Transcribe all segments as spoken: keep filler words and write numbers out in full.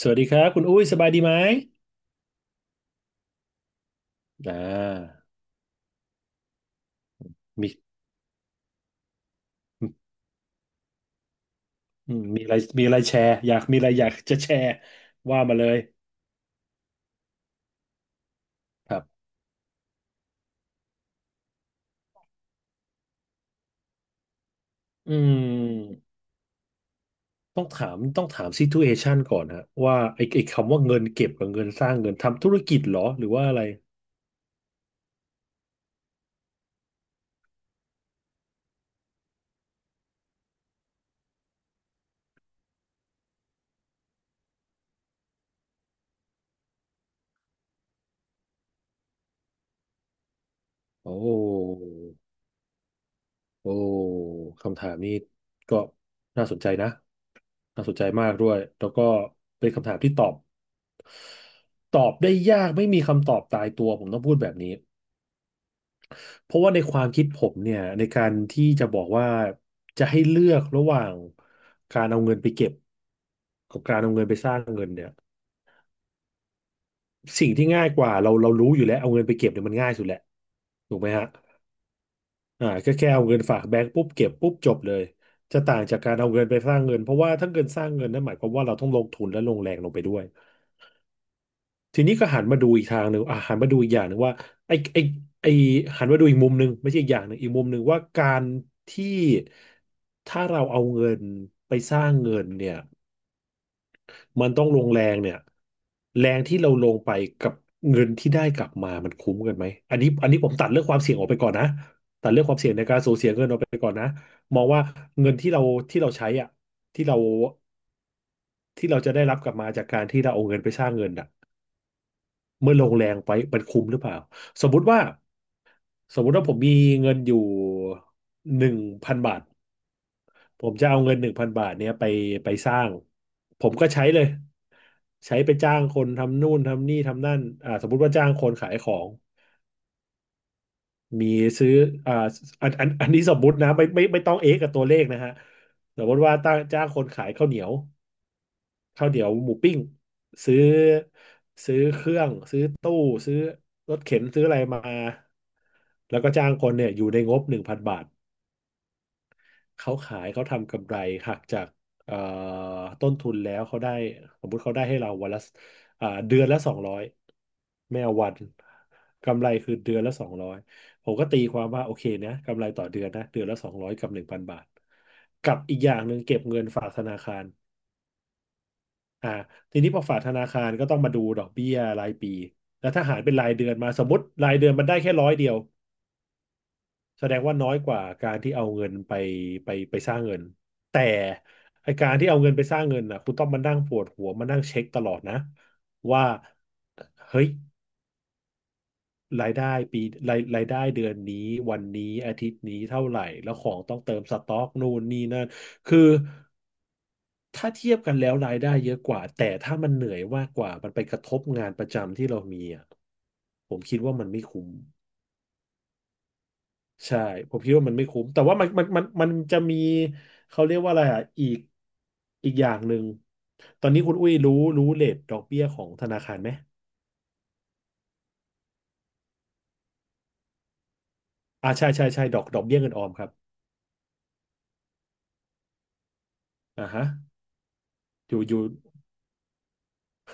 สวัสดีครับคุณอุ้ยสบายดีไหมอ่ามีอืมมีอะไรมีอะไรแชร์อยากมีอะไรอยากจะแชร์ว่ามาเลยครับอืมต้องถามต้องถามซิทูเอชันก่อนฮะว่าไอ้ไอ้คำว่าเงินเก็บกับเงินสร้างเงินทำธุรกิจเหรอหรือว่าอะไรโอ้โอ้คำถามนี้ก็น่าสนใจนะน่าสนใจมากด้วยแล้วก็เป็นคำถามที่ตอบตอบได้ยากไม่มีคำตอบตายตัวผมต้องพูดแบบนี้ เพราะว่าในความคิดผมเนี่ยในการที่จะบอกว่าจะให้เลือกระหว่างการเอาเงินไปเก็บกับการเอาเงินไปสร้างเงินเนี่ยสิ่งที่ง่ายกว่าเราเรารู้อยู่แล้วเอาเงินไปเก็บเนี่ยมันง่ายสุดแหละถูกไหมฮะอ่าก็แค่เอาเงินฝากแบงก์ปุ๊บเก็บปุ๊บจบเลยจะต่างจากการเอาเงินไปสร้างเงินเพราะว่าถ้าเงินสร้างเงินนั่นหมายความว่าเราต้องลงทุนและลงแรงลงไปด้วย ทีนี้ก็หันมาดูอีกทางหนึ่งอ่ะหันมาดูอีกอย่างหนึ่งว่าไอ้ไอ้ไอ้หันมาดูอีกมุมหนึ่งไม่ใช่อีกอย่างหนึ่งอีกมุมหนึ่งว่าการที่ถ้าเราเอาเงินไปสร้างเงินเนี่ยมันต้องลงแรงเนี่ยแรงที่เราลงไปกับเงินที่ได้กลับมามันคุ้มกันไหมอันนี้อันนี้ผมตัดเรื่องความเสี่ยงออกไปก่อนนะตัดเรื่องของการสูญเสียเงินออกไปก่อนนะมองว่าเงินที่เราที่เราใช้อ่ะที่เราที่เราจะได้รับกลับมาจากการที่เราเอาเงินไปสร้างเงินอ่ะ เมื่อลงแรงไปมันคุ้มหรือเปล่าสมมุติว่าสมมุติว่าผมมีเงินอยู่หนึ่งพันบาทผมจะเอาเงินหนึ่งพันบาทเนี้ยไปไปสร้างผมก็ใช้เลยใช้ไปจ้างคนทำนู่นทำนี่ทำนั่นอ่าสมมุติว่าจ้างคนขายของมีซื้ออ่าอันอันอันนี้สมมุตินะไม่ไม่ไม่ต้องเอ๊ะกับตัวเลขนะฮะสมมติว่าตั้งจ้างคนขายข้าวเหนียวข้าวเหนียวหมูปิ้งซื้อซื้อเครื่อง ซื้อตู้ซื้อรถเข็นซื้ออะไรมา แล้วก็จ้างคนเนี่ยอยู่ในงบหนึ่งพันบาทเขาขายเขาทำกำไรหักจากเอ่อต้นทุนแล้วเขาได้สมมุติเขาได้ให้เราวันละอ่าเดือนละสองร้อยไม่เอาวันกำไรคือเดือนละสองร้อยผมก็ตีความว่าโอเคนะกำไรต่อเดือนนะเดือนละสองร้อยกับหนึ่งพันบาทกับอีกอย่างหนึ่งเก็บเงินฝากธนาคารอ่าทีนี้พอฝากธนาคารก็ต้องมาดูดอกเบี้ยรายปีแล้วถ้าหารเป็นรายเดือนมาสมมติรายเดือนมันได้แค่ร้อยเดียว แสดงว่าน้อยกว่าการที่เอาเงินไปไปไปสร้างเงินแต่ไอการที่เอาเงินไปสร้างเงินน่ะคุณต้องมานั่งปวดหัวมานั่งเช็คตลอดนะว่าเฮ้ยรายได้ปีรายรายได้เดือนนี้วันนี้อาทิตย์นี้เท่าไหร่แล้วของต้องเติมสต็อกนู่นนี่นั่นคือถ้าเทียบกันแล้วรายได้เยอะกว่าแต่ถ้ามันเหนื่อยมากกว่ามันไปกระทบงานประจำที่เรามีอ่ะผมคิดว่ามันไม่คุ้ม ใช่ผมคิดว่ามันไม่คุ้มแต่ว่ามันมันมันมันจะมีเขาเรียกว่าอะไรอ่ะอีกอีกอย่างหนึ่งตอนนี้คุณอุ้ยรู้รู้เรทดอกเบี้ยของธนาคารไหมอ่าใช่ใช่ใช่ดอกดอกเบี้ยเงินออมครับอ่าฮะอยู่อยู่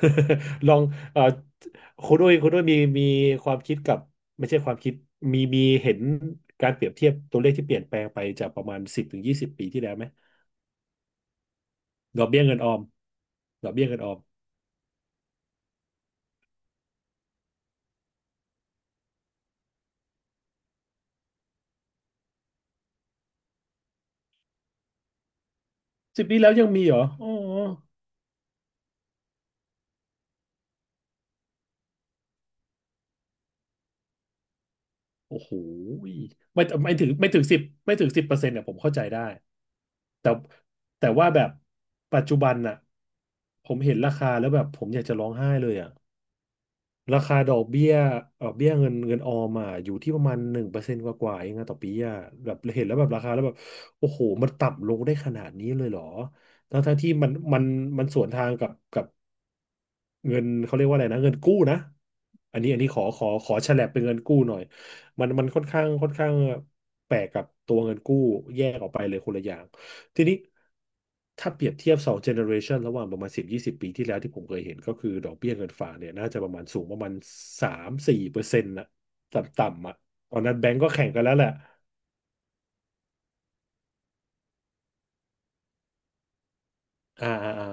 ลองเอ่อคุณด้วยคุณด้วยมีมีความคิดกับไม่ใช่ความคิดมีมีเห็นการเปรียบเทียบตัวเลขที่เปลี่ยนแปลงไปจากประมาณสิบถึงยี่สิบปีที่แล้วไหมดอกเบี้ยเงินออมดอกเบี้ยเงินออมสิบปีแล้วยังมีเหรออ๋อ โอ้โหยไม่ไม่ถึงไม่ถึงสิบไม่ถึงสิบเปอร์เซ็นต์เนี่ยผมเข้าใจได้แต่แต่ว่าแบบปัจจุบันน่ะผมเห็นราคาแล้วแบบผมอยากจะร้องไห้เลยอ่ะราคาดอกเบี้ยดอกเบี้ยเงินเงินออมอ่ะอยู่ที่ประมาณหนึ่งเปอร์เซ็นต์กว่าๆเองอะต่อปีอ่ะแบบเห็นแล้วแบบราคาแล้วแบบโอ้โหมันต่ำลงได้ขนาดนี้เลยเหรอทั้งๆที่มันมันมันสวนทางกับกับ เงินเขาเรียกว่าอะไรนะเงินกู้นะอันนี้อันนี้ขอขอขอฉลับเป็นเงินกู้หน่อยมันมันค่อนข้างค่อนข้างแปลกกับตัวเงินกู้แยกออกไปเลยคนละอย่างทีนี้ถ้าเปรียบเทียบสองเจเนอเรชันระหว่างประมาณสิบยี่สิบปีที่แล้วที่ผมเคยเห็นก็คือดอกเบี้ยเงินฝากเนี่ยน่าจะประมาณสูงประมาณสามสี่เปอร์เซ็นต์นะต่ำๆอ่ะตอนนั้นแบงก์ก็แข่งกันแล้วแหละอ่าอ่าอ่า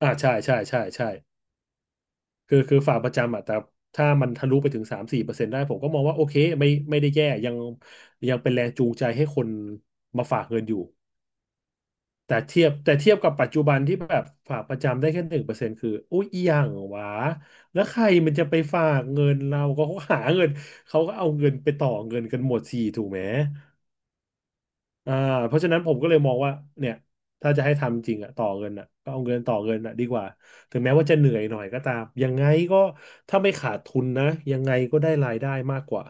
อ่าใช่ใช่ใช่ใช่ คือคือฝากประจำอ่ะแต่ถ้ามันทะลุไปถึงสามสี่เปอร์เซ็นต์ได้ผมก็มองว่าโอเคไม่ไม่ได้แย่ยังยังเป็นแรงจูงใจให้คนมาฝากเงินอยู่แต่เทียบแต่เทียบกับปัจจุบันที่แบบฝากประจำได้แค่หนึ่งเปอร์เซ็นต์คืออุ้ยอหย่างหวะแล้วใครมันจะไปฝากเงินเราก็เขาหาเงินเขาก็เอาเงินไปต่อเงินกันหมดสี่ถูกไหม อ่าเพราะฉะนั้นผมก็เลยมองว่าเนี่ยถ้าจะให้ทำจริงอะต่อเงินอะก็เอาเงินต่อเงินอะดีกว่าถึงแม้ว่าจะเหนื่อยหน่อยก็ตามยังไงก็ถ้าไม่ขาดทุนนะยังไงก็ได้รายได้มากกว่า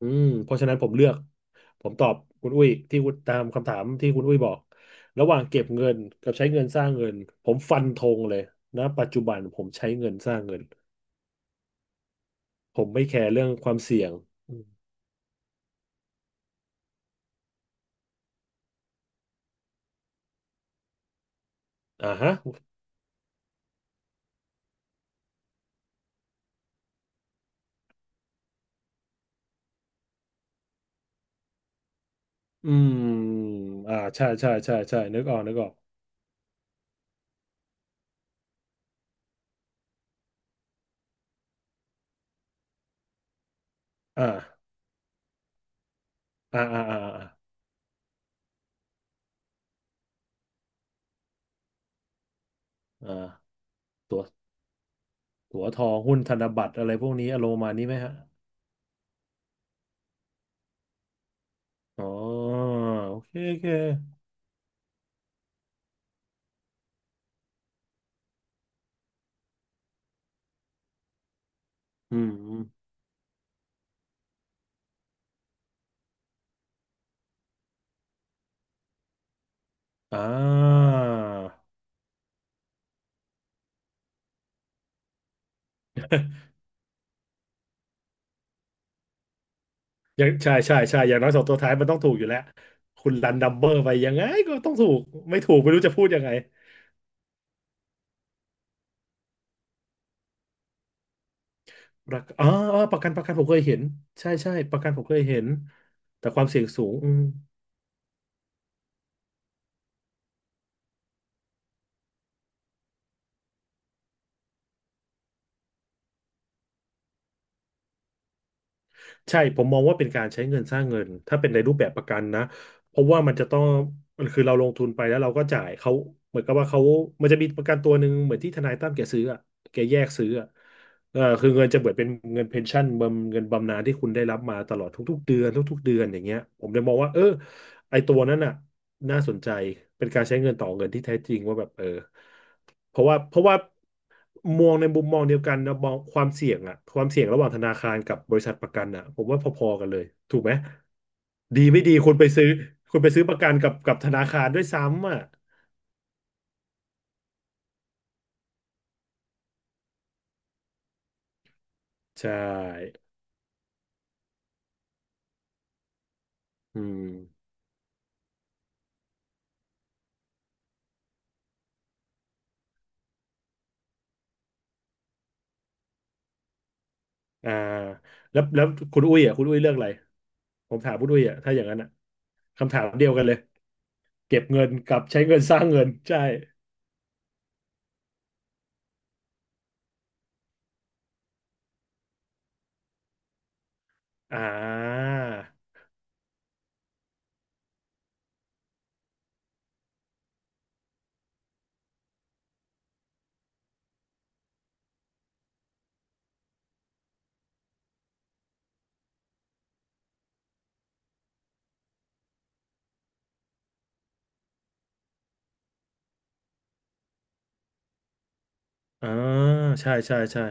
อืมเพราะฉะนั้นผมเลือกผมตอบคุณอุ้ยที่คุณตามคำถามที่คุณอุ้ยบอกระหว่างเก็บเงินกับใช้เงินสร้างเงินผมฟันธงเลยนะปัจจุบันผมใช้เงินสร้างเงินผมไม่แคร์เรื่องความเสี่ยงอืมอ่าฮะอืมอ่าใช่ใช่ใช่ใช่นึกออกนึกออกอ่า อ่าอ่าอ่าอ่าอ่าตัวตัวทองหุ้นธนบัตรอะไรพวกนี้อารมณ์ประมาณนี้ไหมฮะอ๋อโอเคโอเคอืมอมอ่าอย่างใช่ใช่ใช่อย่างน้อยสองตัวท้ายมันต้องถูกอยู่แล้วคุณรันดัมเบอร์ไปยังไงก็ต้องถูกไม่ถูกไม่รู้จะพูดยังไงประกันอ๋ออ๋อประกันประกันผมเคยเห็นใช่ใช่ประกันผมเคยเห็นแต่ความเสี่ยงสูงอืม ใช่ผมมองว่าเป็นการใช้เงินสร้างเงินถ้าเป็นในรูปแบบประกันนะเพราะว่ามันจะต้องมันคือเราลงทุนไปแล้วเราก็จ่ายเขาเหมือนกับว่าเขามันจะมีประกันตัวหนึ่งเหมือนที่ทนายตั้มแกซื้ออะแกแยกซื้ออะเออคือเงินจะเหมือนเป็นเงินเพนชั่นบำเงินบำนาญที่คุณได้รับมาตลอดทุกๆเดือนทุกๆเดือนอย่างเงี้ยผมเลยมองว่าเออไอตัวนั้นน่ะน่าสนใจเป็นการใช้เงินต่อเงินที่แท้จริงว่าแบบเออ เพราะว่าเพราะว่ามองในมุมมองเดียวกันนะมองความเสี่ยงอะความเสี่ยงระหว่างธนาคารกับบริษัทประกันอะผมว่าพอๆกันเลยถูกไหมดีไม่ดีคุณไปซื้อคุณไปซื้อประกันกับกับธนาคารด้วยซ้ำอะใช่อืมอ่าแล้วแล้วคุณอุ้ยอ่ะคุณอุ้ยเลือกอะไรผมถามคุณอุ้ยอ่ะถ้าอย่างนั้นอ่ะคำถามเดียวกันเลยเก็บเงินกับใช้เงินสร้างเงินใช่อ่าอ่าใช่ใช่ใช่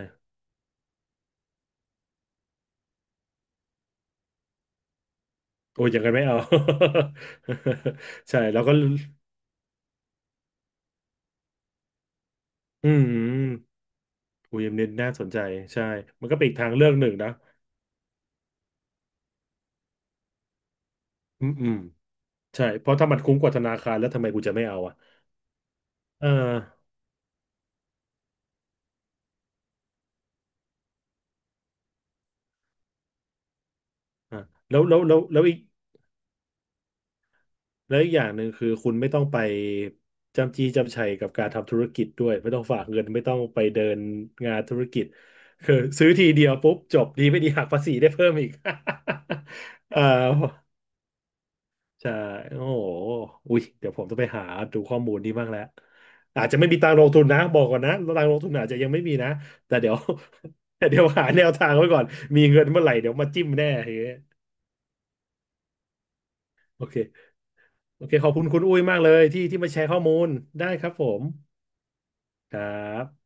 โอ้ยอย่างนั้นไม่เอา ใช่แล้วก็อืมอูเอ็มเน็ตน่าสนใจใช่มันก็เป็นอีกทางเลือกหนึ่งนะอืมอืมใช่เพราะถ้ามันคุ้มกว่าธนาคารแล้วทำไมกูจะไม่เอาอ่ะเอออ่ะแล้วแล้วแล้วแล้วอีกแล้วอีกอย่างหนึ่งคือคุณไม่ต้องไปจำจี้จำชัยกับการทำธุรกิจด้วยไม่ต้องฝากเงินไม่ต้องไปเดินงานธุรกิจคือซื้อทีเดียวปุ๊บจบดีไม่ดีหักภาษีได้เพิ่มอีก เอ่า ใช่ โอ้โหอุ้ยเดี๋ยวผมจะไปหาดูข้อมูลนี้บ้างแล้ว อาจจะไม่มีตังค์ลงทุนนะ บอกก่อนนะตังค์ลงทุนอาจจะยังไม่มีนะ แต่เดี๋ยว แต่เดี๋ยวหาแนวทางไว้ก่อน มีเงินเมื่อไหร่เดี๋ยวมาจิ้มแน่เฮ้ยโอเคโอเค ขอบคุณคุณอุ้ยมากเลยที่ที่มาแชร์ข้อมูล ได้ครับผม ครับ